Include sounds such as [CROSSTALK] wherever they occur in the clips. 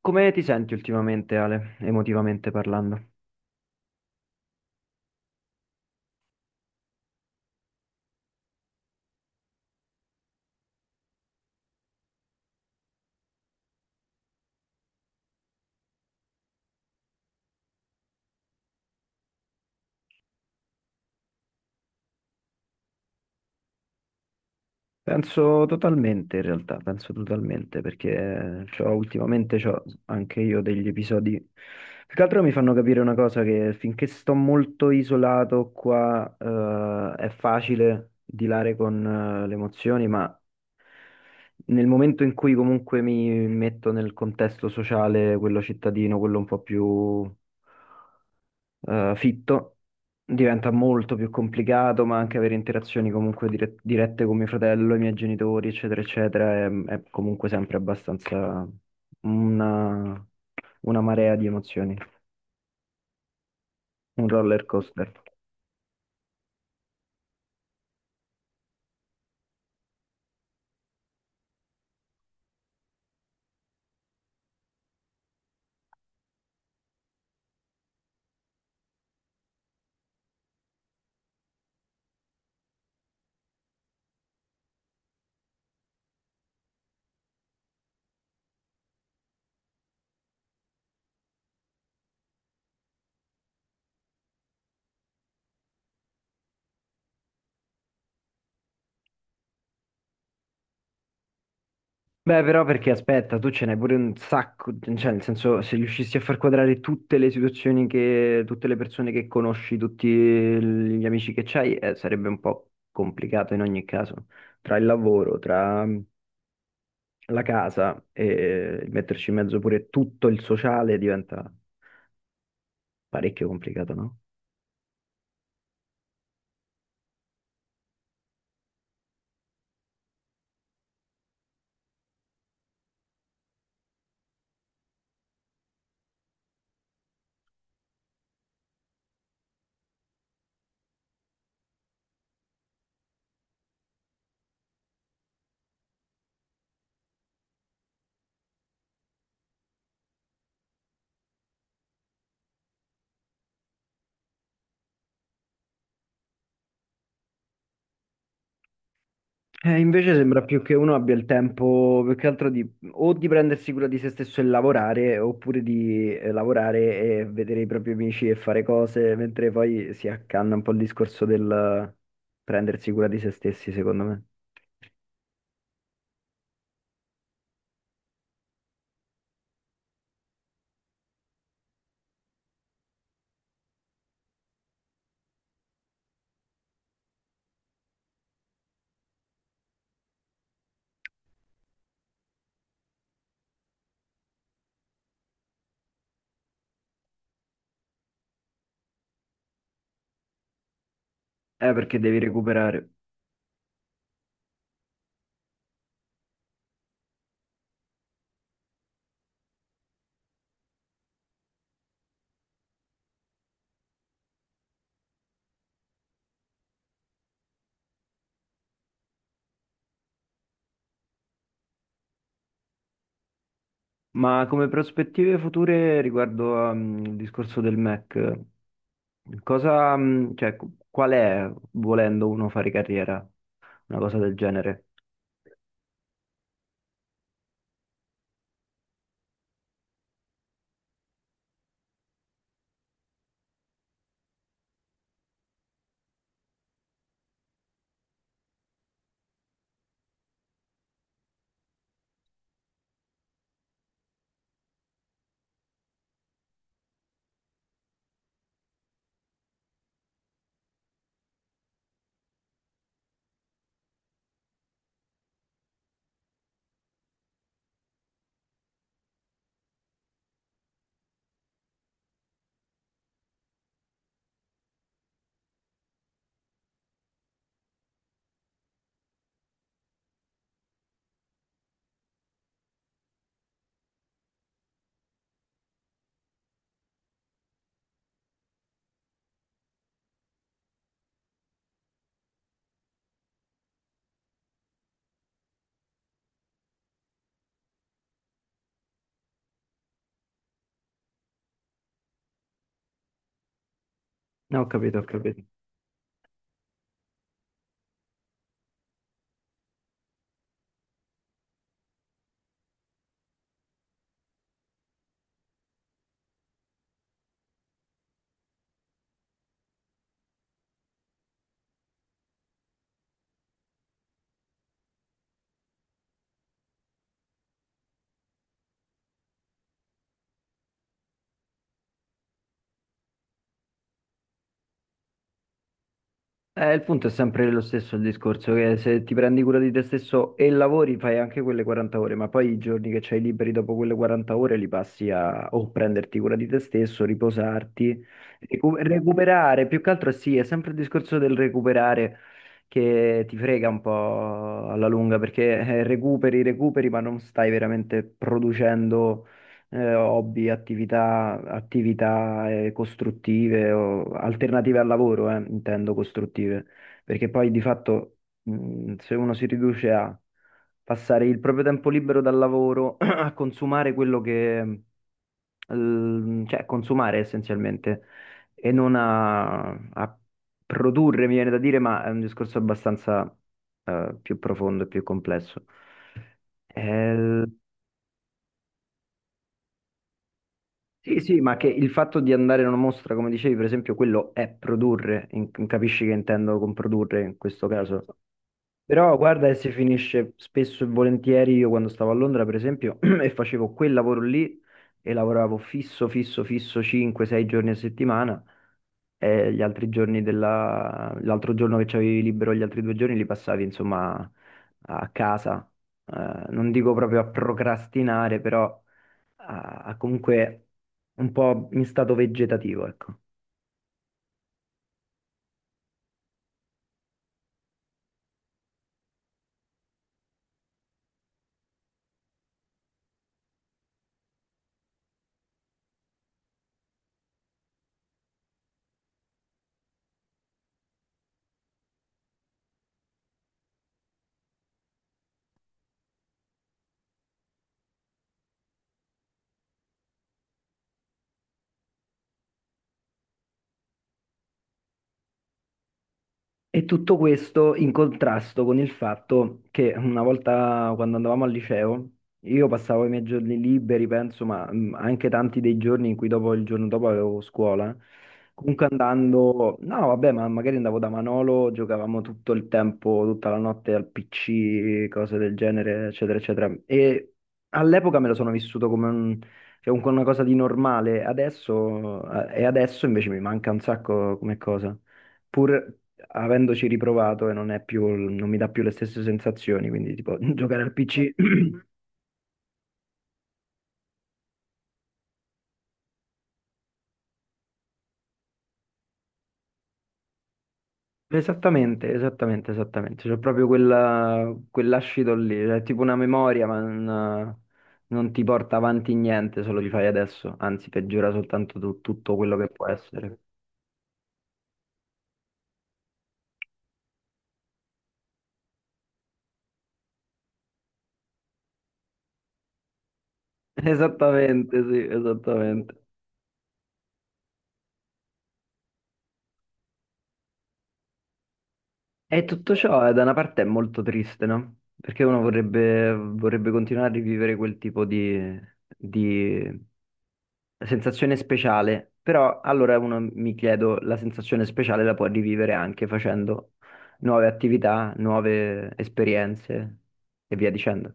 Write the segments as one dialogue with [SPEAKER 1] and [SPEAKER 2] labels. [SPEAKER 1] Come ti senti ultimamente, Ale, emotivamente parlando? Penso totalmente, in realtà, penso totalmente, perché ultimamente ho anche io degli episodi. Più che altro mi fanno capire una cosa, che finché sto molto isolato qua, è facile dilare con, le emozioni, ma nel momento in cui comunque mi metto nel contesto sociale, quello cittadino, quello un po' più fitto, diventa molto più complicato, ma anche avere interazioni comunque dirette con mio fratello, i miei genitori, eccetera, eccetera, è comunque sempre abbastanza una, una marea di emozioni, un roller coaster. Beh, però perché aspetta, tu ce n'hai pure un sacco, cioè nel senso se riuscissi a far quadrare tutte le situazioni che, tutte le persone che conosci, tutti gli amici che c'hai, sarebbe un po' complicato in ogni caso, tra il lavoro, tra la casa e metterci in mezzo pure tutto il sociale diventa parecchio complicato, no? Invece sembra più che uno abbia il tempo più che altro di o di prendersi cura di se stesso e lavorare, oppure di lavorare e vedere i propri amici e fare cose, mentre poi si accanna un po' il discorso del prendersi cura di se stessi, secondo me. Perché devi recuperare. Ma come prospettive future riguardo al discorso del Mac, cosa, cioè, qual è, volendo uno fare carriera, una cosa del genere? No, ho capito, ho capito. Il punto è sempre lo stesso, il discorso, che se ti prendi cura di te stesso e lavori, fai anche quelle 40 ore, ma poi i giorni che c'hai liberi dopo quelle 40 ore li passi a o prenderti cura di te stesso, riposarti, recuperare, più che altro sì, è sempre il discorso del recuperare che ti frega un po' alla lunga, perché recuperi, recuperi, ma non stai veramente producendo hobby, attività, attività costruttive o alternative al lavoro, intendo costruttive, perché poi di fatto se uno si riduce a passare il proprio tempo libero dal lavoro [CLEARS THROAT] a consumare quello che, cioè consumare essenzialmente e non a produrre, mi viene da dire, ma è un discorso abbastanza più profondo e più complesso. Eh, Sì, sì, ma che il fatto di andare in una mostra, come dicevi, per esempio, quello è produrre, capisci che intendo con produrre in questo caso. Però guarda che si finisce spesso e volentieri, io quando stavo a Londra, per esempio, [CLEARS THROAT] e facevo quel lavoro lì e lavoravo fisso, fisso, fisso 5-6 giorni a settimana e gli altri giorni l'altro giorno che c'avevi libero, gli altri due giorni li passavi, insomma, a casa. Non dico proprio a procrastinare, però a comunque un po' in stato vegetativo, ecco. E tutto questo in contrasto con il fatto che una volta quando andavamo al liceo, io passavo i miei giorni liberi, penso, ma anche tanti dei giorni in cui dopo il giorno dopo avevo scuola. Comunque andando, no, vabbè, ma magari andavo da Manolo, giocavamo tutto il tempo, tutta la notte al PC, cose del genere, eccetera, eccetera. E all'epoca me lo sono vissuto come cioè, una cosa di normale, adesso, e adesso invece mi manca un sacco come cosa. Pur avendoci riprovato e non è più, non mi dà più le stesse sensazioni, quindi tipo [LAUGHS] [CLEARS THROAT] giocare al PC. [CLEARS THROAT] Esattamente, esattamente, esattamente. C'è proprio quell'ascito lì, cioè, è tipo una memoria, ma non ti porta avanti niente se lo rifai adesso, anzi peggiora soltanto tutto quello che può essere. [LAUGHS] Esattamente, sì, esattamente. E tutto ciò da una parte è molto triste, no? Perché uno vorrebbe continuare a rivivere quel tipo di sensazione speciale, però allora uno mi chiedo, la sensazione speciale la può rivivere anche facendo nuove attività, nuove esperienze e via dicendo.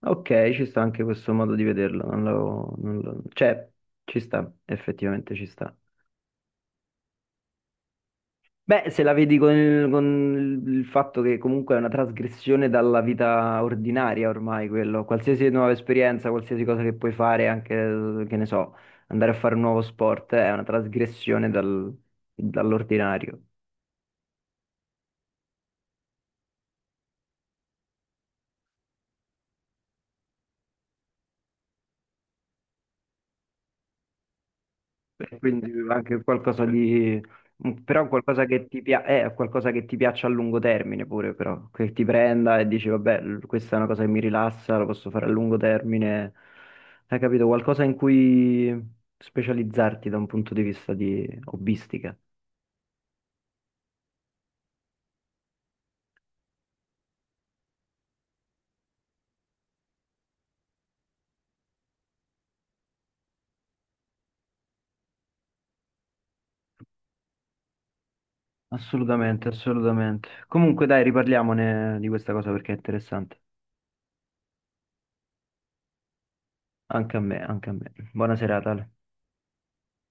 [SPEAKER 1] Ok, ci sta anche questo modo di vederlo, non lo, non lo- cioè, ci sta, effettivamente ci sta. Beh, se la vedi con il fatto che comunque è una trasgressione dalla vita ordinaria ormai quello, qualsiasi nuova esperienza, qualsiasi cosa che puoi fare, anche, che ne so, andare a fare un nuovo sport, è una trasgressione dall'ordinario. E quindi anche qualcosa di, però qualcosa che ti piaccia a lungo termine pure, però, che ti prenda e dici, vabbè, questa è una cosa che mi rilassa, la posso fare a lungo termine. Hai capito? Qualcosa in cui specializzarti da un punto di vista di hobbistica. Assolutamente, assolutamente. Comunque dai, riparliamone di questa cosa perché è interessante. Anche a me, anche a me. Buona serata, Ale.